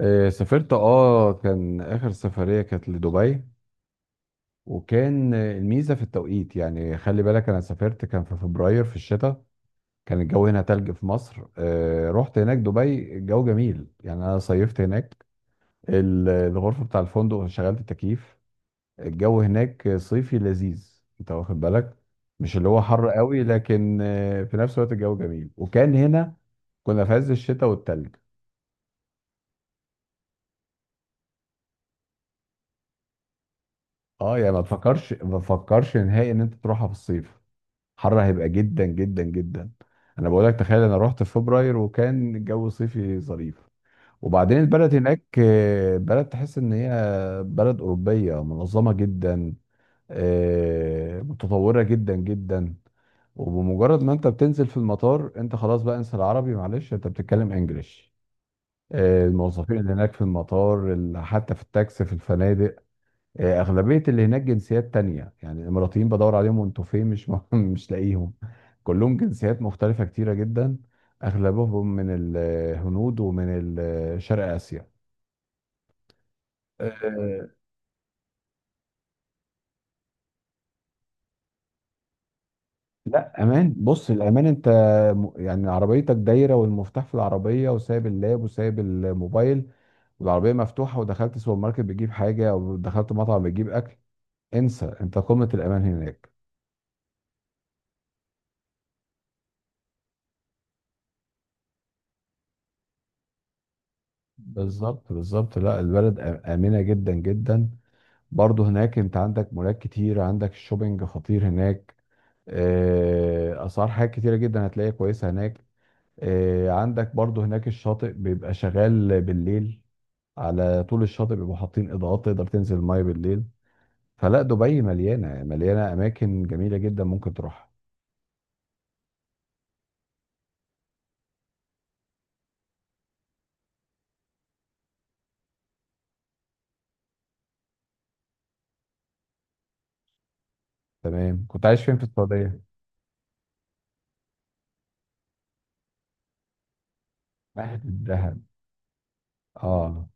سافرت كان اخر سفرية كانت لدبي. وكان الميزة في التوقيت، يعني خلي بالك انا سافرت كان في فبراير في الشتاء. كان الجو هنا تلج في مصر. رحت هناك دبي، الجو جميل يعني انا صيفت هناك. الغرفة بتاع الفندق شغلت التكييف. الجو هناك صيفي لذيذ انت واخد بالك، مش اللي هو حر قوي لكن في نفس الوقت الجو جميل، وكان هنا كنا في عز الشتاء والتلج. اه يعني ما تفكرش ما تفكرش نهائي ان انت تروحها في الصيف، حر هيبقى جدا جدا جدا. انا بقول لك تخيل، انا رحت في فبراير وكان الجو صيفي ظريف. وبعدين البلد هناك، بلد تحس ان هي بلد اوروبيه منظمه جدا، متطوره جدا جدا. وبمجرد ما انت بتنزل في المطار انت خلاص بقى، انسى العربي معلش انت بتتكلم انجليش. الموظفين اللي هناك في المطار حتى في التاكسي في الفنادق، اغلبيه اللي هناك جنسيات تانية، يعني الاماراتيين بدور عليهم وانتوا فين مش مش لاقيهم. كلهم جنسيات مختلفه كتيره جدا، اغلبهم من الهنود ومن شرق اسيا. آه، لا امان، بص الامان انت يعني عربيتك دايره والمفتاح في العربيه وسايب اللاب وسايب الموبايل والعربيه مفتوحه، ودخلت سوبر ماركت بتجيب حاجه او دخلت مطعم بتجيب اكل، انسى، انت قمه الامان هناك. بالظبط بالظبط، لا البلد امنه جدا جدا. برضه هناك انت عندك مولات كتير، عندك الشوبينج خطير هناك. اسعار حاجات كتيره جدا هتلاقيها كويسه هناك. عندك برضه هناك الشاطئ بيبقى شغال بالليل، على طول الشاطئ بيبقوا حاطين اضاءات، تقدر تنزل الميه بالليل. فلا دبي مليانه مليانه اماكن جميله جدا ممكن تروحها. تمام، كنت عايش فين في السعوديه؟ واحد الدهب؟ اه.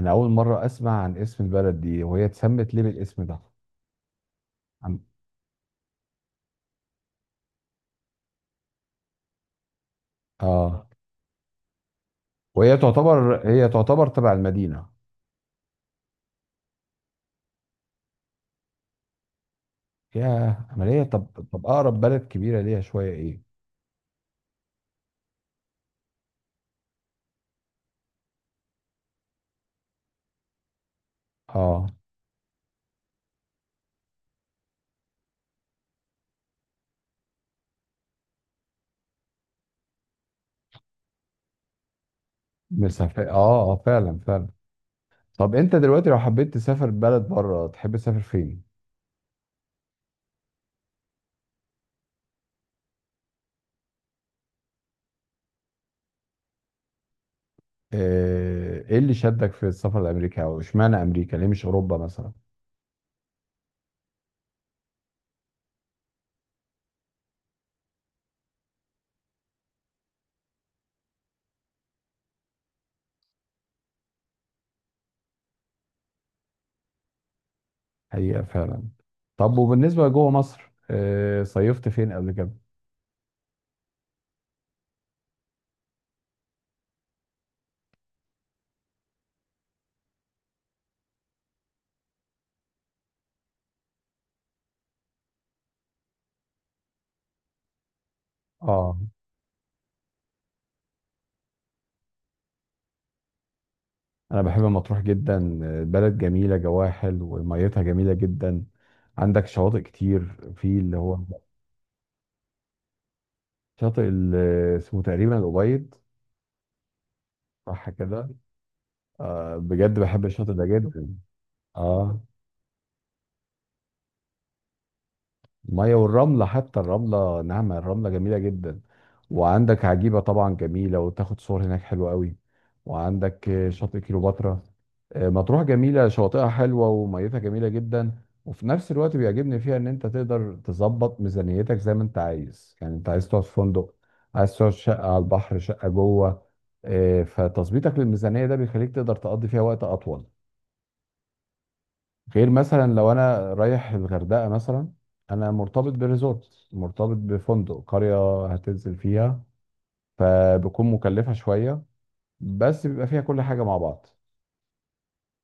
انا اول مره اسمع عن اسم البلد دي، وهي اتسمت ليه بالاسم ده؟ عم- اه. وهي تعتبر تبع المدينه؟ فيها عملية؟ طب طب أقرب بلد كبيرة ليها شوية إيه؟ أه. مسافة، أه أه، فعلا فعلا. طب أنت دلوقتي لو حبيت تسافر بلد بره تحب تسافر فين؟ إيه اللي شدك في السفر لأمريكا أو إشمعنى أمريكا؟ ليه مش أوروبا مثلا؟ حقيقة فعلا. طب وبالنسبة لجوه مصر، صيفت فين قبل كده؟ أه. أنا بحب مطروح جدا. بلد جميلة جواها حلو وميتها جميلة جدا. عندك شواطئ كتير، في اللي هو شاطئ اسمه تقريبا الأبيض. صح كده. آه بجد بحب الشاطئ ده جدا. اه، الميه والرمله، حتى الرمله ناعمه، الرمله جميله جدا. وعندك عجيبه طبعا جميله، وتاخد صور هناك حلوه قوي. وعندك شاطئ كيلوباترا. آه، مطروح جميله، شواطئها حلوه وميتها جميله جدا. وفي نفس الوقت بيعجبني فيها ان انت تقدر تظبط ميزانيتك زي ما انت عايز، يعني انت عايز تقعد في فندق، عايز تقعد في شقه على البحر، شقه جوه. آه، فتظبيطك للميزانيه ده بيخليك تقدر تقضي فيها وقت اطول. غير مثلا لو انا رايح الغردقه مثلا، انا مرتبط بريزورت، مرتبط بفندق، قريه هتنزل فيها، فبكون مكلفه شويه، بس بيبقى فيها كل حاجه مع بعض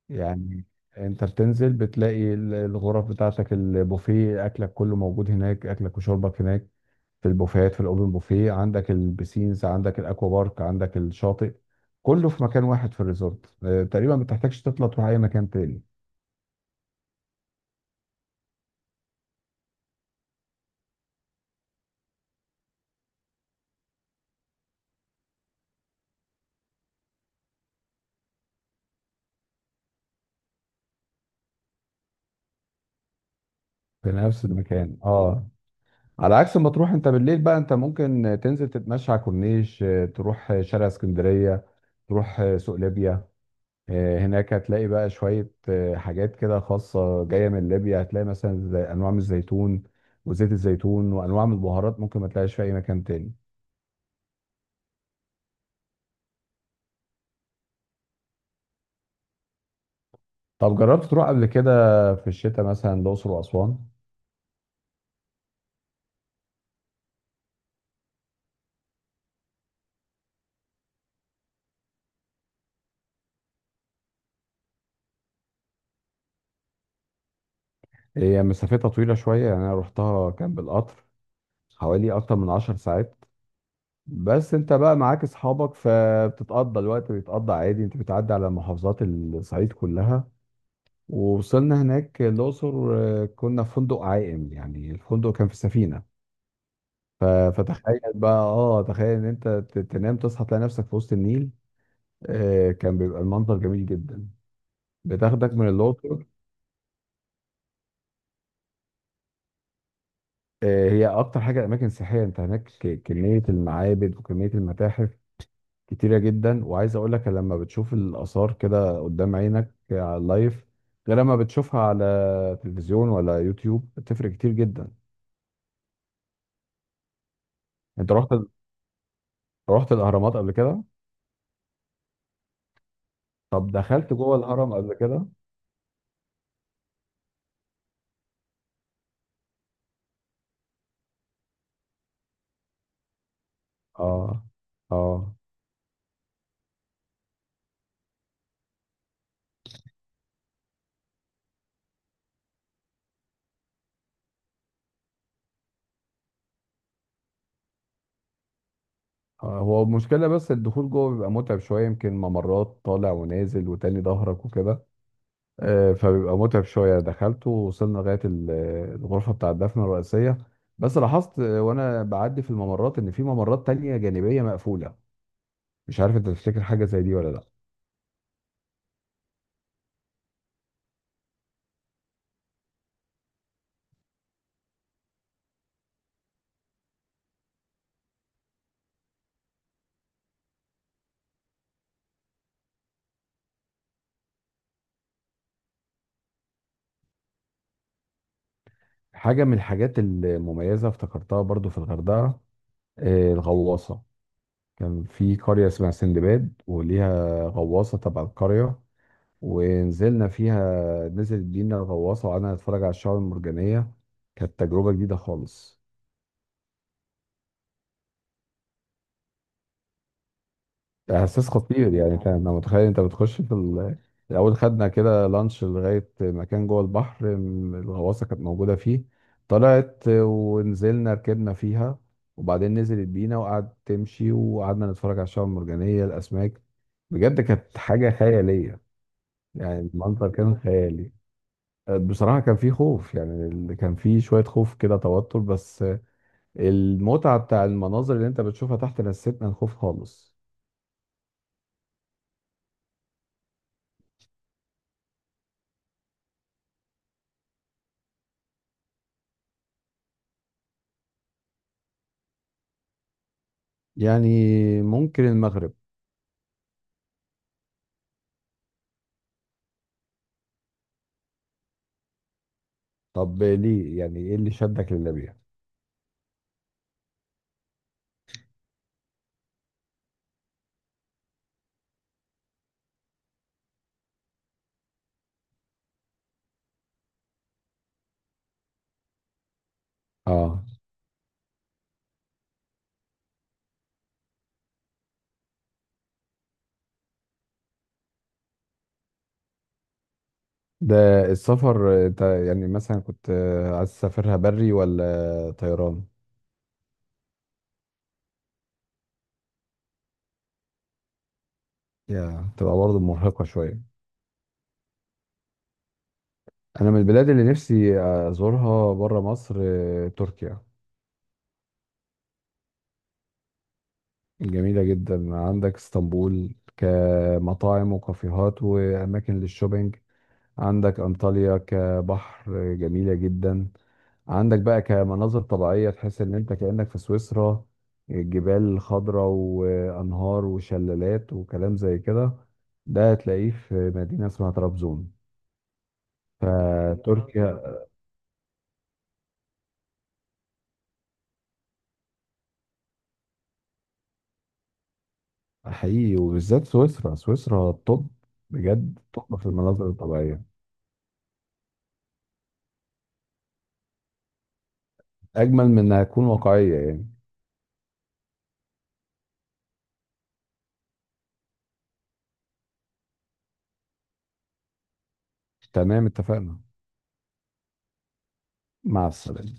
يعني. انت بتنزل بتلاقي الغرف بتاعتك، البوفيه، اكلك كله موجود هناك، اكلك وشربك هناك في البوفيهات في الاوبن بوفيه، عندك البسينز عندك الاكوا بارك عندك الشاطئ، كله في مكان واحد في الريزورت. تقريبا ما بتحتاجش تطلع تروح اي مكان تاني، في نفس المكان اه. على عكس ما تروح انت بالليل بقى، انت ممكن تنزل تتمشى على الكورنيش، تروح شارع اسكندرية، تروح سوق ليبيا. اه، هناك هتلاقي بقى شوية حاجات كده خاصة جاية من ليبيا، هتلاقي مثلا زي أنواع من الزيتون وزيت الزيتون وأنواع من البهارات ممكن ما تلاقيش في أي مكان تاني. طب جربت تروح قبل كده في الشتاء مثلا الأقصر وأسوان؟ هي مسافتها طويلة شوية، يعني أنا رحتها كان بالقطر حوالي أكتر من 10 ساعات. بس انت بقى معاك اصحابك فبتتقضى الوقت، بيتقضى عادي، انت بتعدي على محافظات الصعيد كلها. ووصلنا هناك الاقصر، كنا في فندق عائم، يعني الفندق كان في سفينه. فتخيل بقى، اه تخيل ان انت تنام تصحى تلاقي نفسك في وسط النيل. كان بيبقى المنظر جميل جدا، بتاخدك من الاقصر. هي اكتر حاجه اماكن سياحيه انت هناك، كميه المعابد وكميه المتاحف كتيرة جدا. وعايز اقول لك، لما بتشوف الآثار كده قدام عينك على اللايف غير لما بتشوفها على تلفزيون ولا يوتيوب، بتفرق كتير جدا. انت رحت الأهرامات قبل كده؟ طب دخلت جوه الهرم قبل كده؟ اه. اه. هو المشكلة بس الدخول جوه بيبقى متعب شوية، يمكن ممرات طالع ونازل وتاني ظهرك وكده. فبيبقى متعب شوية، دخلته ووصلنا لغاية الغرفة بتاع الدفن الرئيسية. بس لاحظت، وأنا بعدي في الممرات، إن في ممرات تانية جانبية مقفولة. مش عارف أنت تفتكر حاجة زي دي ولا لأ؟ حاجة من الحاجات المميزة افتكرتها برضو في الغردقة، الغواصة. كان في قرية اسمها سندباد وليها غواصة تبع القرية، ونزلنا فيها، نزل بينا الغواصة وقعدنا نتفرج على الشعاب المرجانية. كانت تجربة جديدة خالص. ده احساس خطير يعني، انت انا متخيل انت بتخش في الاول خدنا كده لانش لغايه مكان جوه البحر، الغواصه كانت موجوده فيه. طلعت ونزلنا ركبنا فيها، وبعدين نزلت بينا وقعدت تمشي، وقعدنا نتفرج على الشعاب المرجانيه الاسماك. بجد كانت حاجه خياليه، يعني المنظر كان خيالي. بصراحة كان فيه خوف، يعني كان فيه شوية خوف كده توتر، بس المتعة بتاع المناظر اللي انت بتشوفها تحت نسيتنا الخوف خالص. يعني ممكن المغرب. طب ليه؟ يعني ايه اللي شدك لليبيا؟ اه. ده السفر انت يعني مثلا كنت عايز تسافرها بري ولا طيران؟ يا تبقى برضه مرهقة شوية. انا من البلاد اللي نفسي ازورها بره مصر، تركيا. جميلة جدا، عندك اسطنبول كمطاعم وكافيهات واماكن للشوبينج، عندك انطاليا كبحر جميلة جدا، عندك بقى كمناظر طبيعية تحس ان انت كأنك في سويسرا، الجبال خضراء وانهار وشلالات وكلام زي كده. ده هتلاقيه في مدينة اسمها طرابزون، فتركيا. حقيقي، وبالذات سويسرا، سويسرا الطب بجد، طب في المناظر الطبيعية. اجمل من انها تكون واقعية يعني. تمام اتفقنا. مع السلامة.